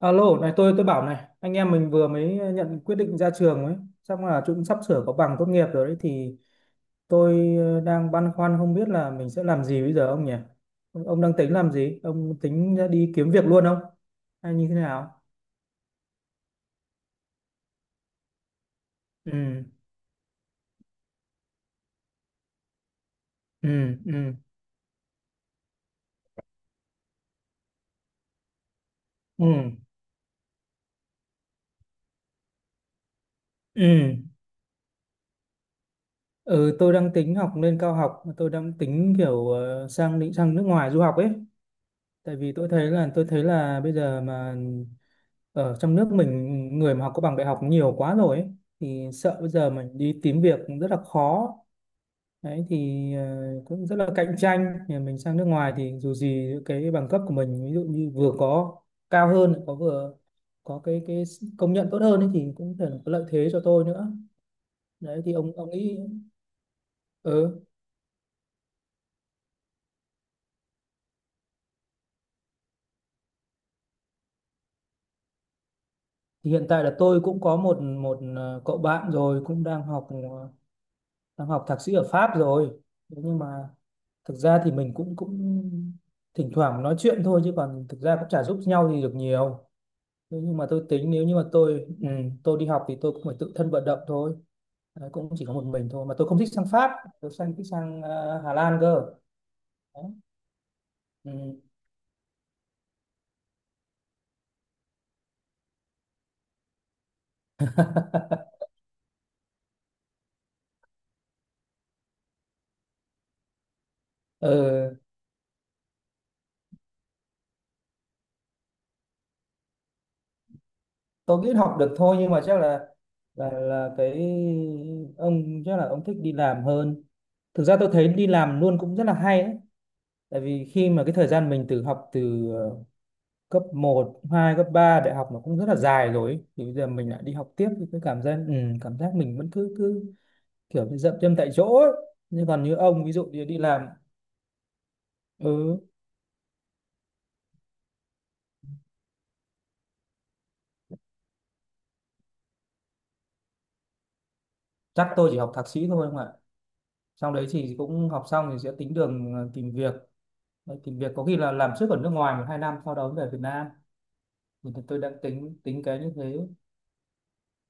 Alo, này, tôi bảo này, anh em mình vừa mới nhận quyết định ra trường ấy, chắc là chúng sắp sửa có bằng tốt nghiệp rồi đấy. Thì tôi đang băn khoăn không biết là mình sẽ làm gì bây giờ, ông nhỉ? Ông đang tính làm gì? Ông tính ra đi kiếm việc luôn không? Hay như thế nào? Ừ, ừ, ừ, ừ, ừ. Ừ, tôi đang tính học lên cao học, tôi đang tính kiểu định sang nước ngoài du học ấy. Tại vì tôi thấy là bây giờ mà ở trong nước mình, người mà học có bằng đại học nhiều quá rồi ấy, thì sợ bây giờ mình đi tìm việc cũng rất là khó. Đấy thì cũng rất là cạnh tranh. Nhà mình sang nước ngoài thì dù gì cái bằng cấp của mình, ví dụ như vừa có cao hơn, lại có vừa có cái công nhận tốt hơn ấy, thì cũng có thể là có lợi thế cho tôi nữa. Đấy thì ông nghĩ ừ, thì hiện tại là tôi cũng có một một cậu bạn rồi, cũng đang học đang học thạc sĩ ở Pháp rồi. Thế nhưng mà thực ra thì mình cũng cũng thỉnh thoảng nói chuyện thôi, chứ còn thực ra cũng chả giúp nhau gì được nhiều. Thế nhưng mà tôi tính, nếu như mà tôi ừ, tôi đi học thì tôi cũng phải tự thân vận động thôi. Đấy, cũng chỉ có một mình thôi mà tôi không thích sang Pháp, tôi thích sang Hà Lan cơ. Đấy. Ừ. Ừ, tôi nghĩ học được thôi, nhưng mà chắc là ông chắc là ông thích đi làm hơn. Thực ra tôi thấy đi làm luôn cũng rất là hay đấy. Tại vì khi mà cái thời gian mình từ học, từ cấp 1, 2, cấp 3, đại học nó cũng rất là dài rồi ấy. Thì bây giờ mình lại đi học tiếp thì cái cảm giác ừ, cảm giác mình vẫn cứ cứ kiểu như dậm chân tại chỗ ấy. Nhưng còn như ông, ví dụ như đi làm, ừ, chắc tôi chỉ học thạc sĩ thôi, không ạ. Sau đấy thì cũng học xong thì sẽ tính đường tìm việc. Đấy, tìm việc có khi là làm trước ở nước ngoài 1 2 năm, sau đó về Việt Nam. Thì tôi đang tính tính cái như thế,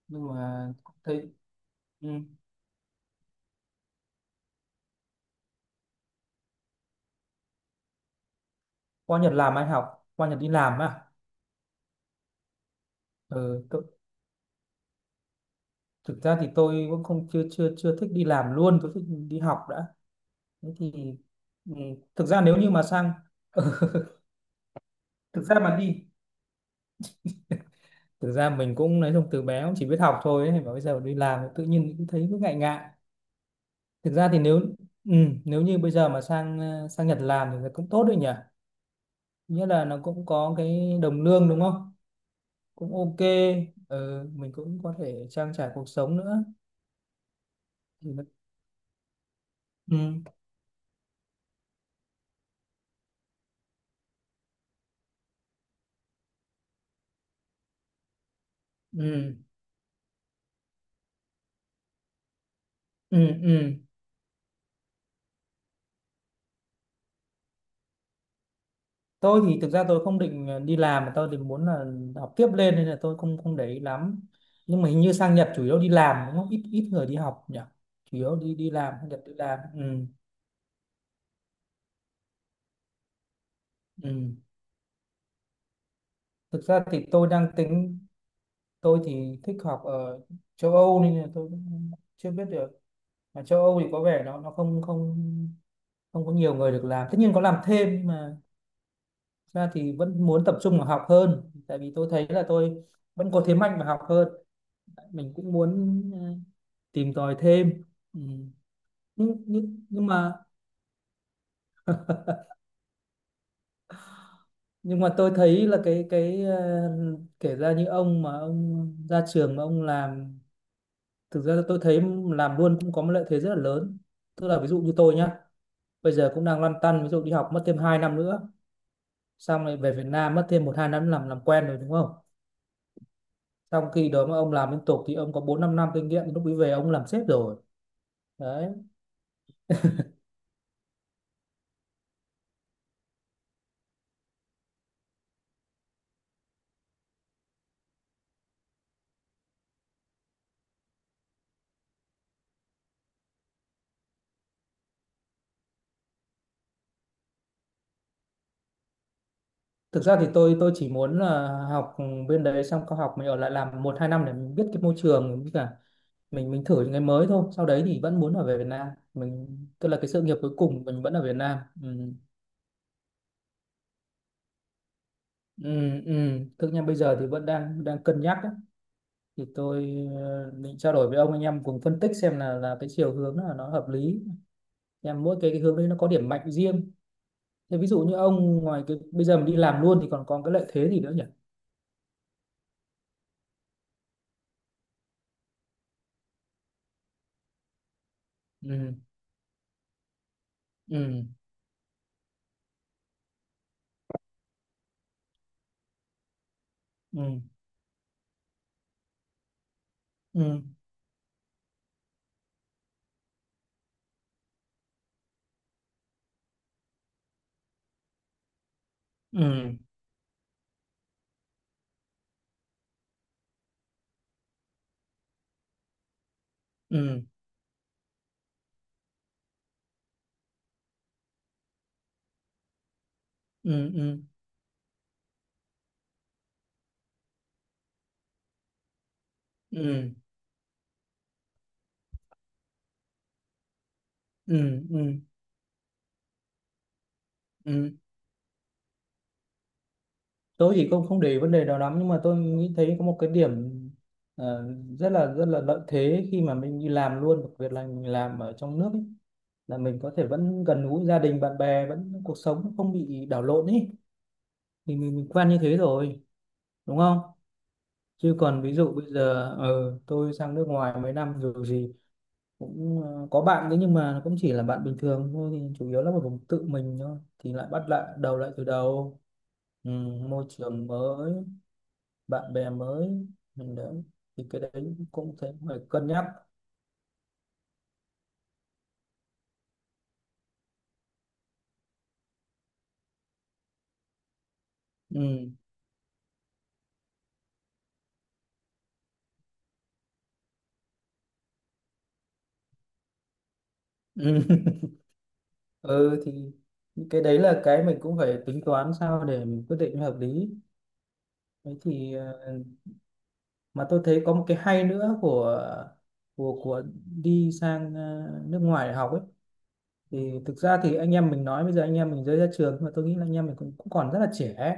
nhưng mà thấy ừ. Qua Nhật làm, ai học qua Nhật đi làm à? Ừ, tôi- thực ra thì tôi cũng không, chưa chưa chưa thích đi làm luôn, tôi thích đi học đã. Thế thì ừ, thực ra nếu như mà sang ừ, thực ra mà đi, thực ra mình cũng nói chung từ bé cũng chỉ biết học thôi ấy, mà bây giờ đi làm tự nhiên cũng thấy cứ ngại ngại. Thực ra thì nếu ừ, nếu như bây giờ mà sang sang Nhật làm thì cũng tốt đấy nhỉ, nghĩa là nó cũng có cái đồng lương, đúng không? Cũng ok. Ừ, mình cũng có thể trang trải cuộc sống nữa. Ừ, ừ, ừ, ừ. Tôi thì thực ra tôi không định đi làm, mà tôi định muốn là học tiếp lên, nên là tôi không không để ý lắm. Nhưng mà hình như sang Nhật chủ yếu đi làm, đúng không, ít ít người đi học nhỉ, chủ yếu đi đi làm, sang Nhật đi làm ừ, ừ. Thực ra thì tôi đang tính, tôi thì thích học ở châu Âu nên là tôi cũng chưa biết được, mà châu Âu thì có vẻ nó không không không có nhiều người được làm, tất nhiên có làm thêm, nhưng mà thực ra thì vẫn muốn tập trung vào học hơn, tại vì tôi thấy là tôi vẫn có thế mạnh và học hơn, mình cũng muốn tìm tòi thêm. Ừ. nhưng mà nhưng mà tôi thấy là cái kể ra như ông mà ông ra trường mà ông làm, thực ra tôi thấy làm luôn cũng có một lợi thế rất là lớn. Tức là ví dụ như tôi nhá, bây giờ cũng đang lăn tăn, ví dụ đi học mất thêm 2 năm nữa, xong lại về Việt Nam mất thêm 1 2 năm làm quen rồi, đúng không? Trong khi đó mà ông làm liên tục thì ông có 4 5 năm kinh nghiệm, lúc ấy về ông làm sếp rồi. Đấy. Thực ra thì tôi chỉ muốn là học ừ, bên đấy xong, có học mình ở lại làm 1 2 năm để mình biết cái môi trường, với cả mình thử những cái mới thôi. Sau đấy thì vẫn muốn ở về Việt Nam. Mình tức là cái sự nghiệp cuối cùng mình vẫn ở Việt Nam. Ừ. Ừ, ừ. Thực ra bây giờ thì vẫn đang đang cân nhắc ấy. Thì tôi định trao đổi với ông, anh em cùng phân tích xem là cái chiều hướng là nó hợp lý. Em mỗi cái hướng đấy nó có điểm mạnh riêng. Thế ví dụ như ông, ngoài cái bây giờ mình đi làm luôn thì còn có cái lợi thế gì nữa nhỉ? Ừ. Ừ. Ừ. Ừ. Ừ. Ừ, ừ, ừ, ừ, ừ, ừ, ừ. Tôi thì không không để ý vấn đề đó lắm, nhưng mà tôi nghĩ thấy có một cái điểm ờ, rất là lợi thế khi mà mình đi làm luôn, đặc biệt là mình làm ở trong nước ấy, là mình có thể vẫn gần gũi gia đình bạn bè, vẫn cuộc sống không bị đảo lộn ấy, thì mình quen như thế rồi, đúng không? Chứ còn ví dụ bây giờ tôi sang nước ngoài mấy năm rồi gì, cũng có bạn đấy, nhưng mà nó cũng chỉ là bạn bình thường thôi, thì chủ yếu là một vùng tự mình thôi, thì lại bắt lại từ đầu. Ừ, môi trường mới, bạn bè mới. Ừ, đấy, thì cái đấy cũng thấy phải cân nhắc. Ừ. Ừ. Ừ thì cái đấy là cái mình cũng phải tính toán sao để mình quyết định hợp lý. Đấy thì mà tôi thấy có một cái hay nữa của của đi sang nước ngoài để học ấy, thì thực ra thì anh em mình nói bây giờ anh em mình mới ra trường, nhưng mà tôi nghĩ là anh em mình cũng còn rất là trẻ ấy.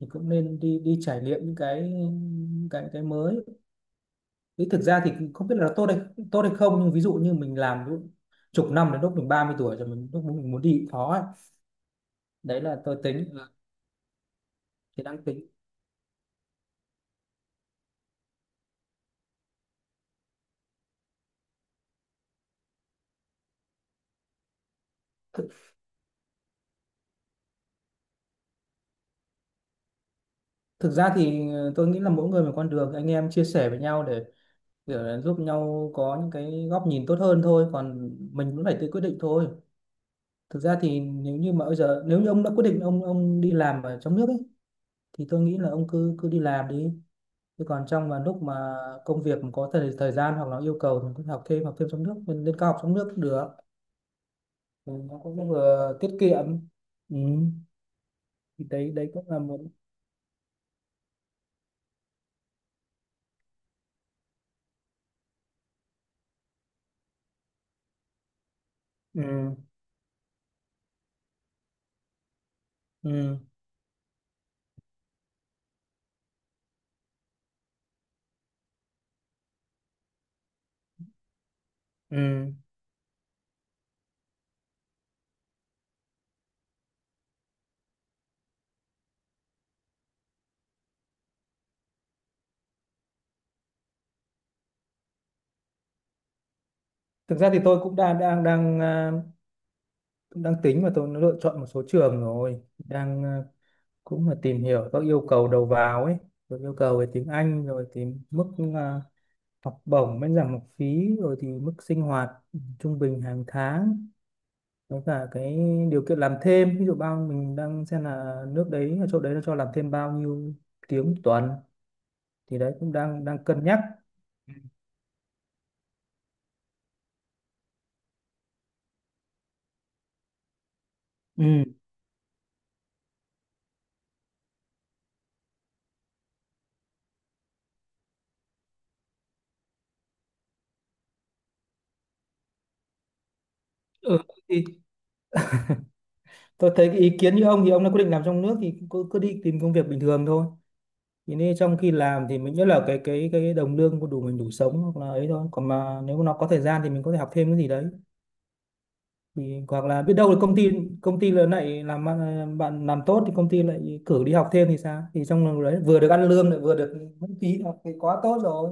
Thì cũng nên đi đi trải nghiệm những cái, những cái mới, thì thực ra thì không biết là nó tốt hay không, nhưng ví dụ như mình làm lúc chục năm, đến lúc mình 30 tuổi rồi, mình lúc mình muốn đi cũng khó ấy. Đấy là tôi tính, thì đang tính. Thực, thực ra thì tôi nghĩ là mỗi người một con đường, anh em chia sẻ với nhau để giúp nhau có những cái góc nhìn tốt hơn thôi, còn mình cũng phải tự quyết định thôi. Thực ra thì nếu như mà bây giờ, nếu như ông đã quyết định ông đi làm ở trong nước ấy, thì tôi nghĩ là ông cứ cứ đi làm đi, chứ còn trong mà lúc mà công việc có thời thời gian, hoặc là yêu cầu, thì có học thêm, học thêm trong nước, lên lên cao học trong nước cũng được. Ừ, nó cũng vừa tiết kiệm. Ừ. Thì đấy, đấy cũng là một. Ừ. Ừ. Ừ. Thực ra thì tôi cũng đang đang đang à, cũng đang tính, và tôi lựa chọn một số trường rồi, đang cũng là tìm hiểu các yêu cầu đầu vào ấy, rồi yêu cầu về tiếng Anh, rồi tìm mức à, học bổng miễn giảm học phí, rồi thì mức sinh hoạt trung bình hàng tháng, với cả cái điều kiện làm thêm, ví dụ bao mình đang xem là nước đấy ở chỗ đấy nó cho làm thêm bao nhiêu tiếng một tuần, thì đấy cũng đang đang cân nhắc. Ừ. Ừ, thì tôi thấy cái ý kiến như ông, thì ông đã quyết định làm trong nước thì cứ cứ đi tìm công việc bình thường thôi, thì nên trong khi làm thì mình, nhất là cái đồng lương có đủ mình đủ sống hoặc là ấy thôi, còn mà nếu mà nó có thời gian thì mình có thể học thêm cái gì đấy, thì hoặc là biết đâu là công ty, công ty lớn lại làm ăn- bạn làm tốt thì công ty lại cử đi học thêm thì sao, thì trong lúc đấy vừa được ăn lương lại vừa được miễn phí học thì quá tốt rồi,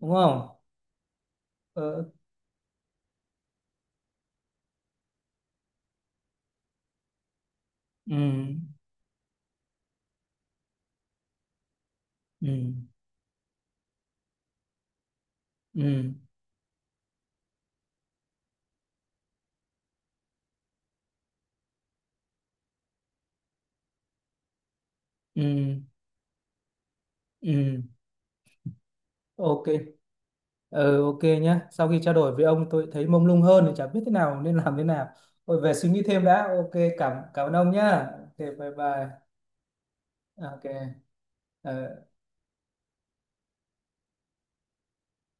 đúng không? ờ, ừ, ừ, ừ, ừ, ừ. Ok. Ờ, ok nhá, sau khi trao đổi với ông tôi thấy mông lung hơn, thì chả biết thế nào, nên làm thế nào. Ôi, về suy nghĩ thêm đã. Ok, cảm cảm ơn ông nhá, ok, bye bye. Ok. Ờ.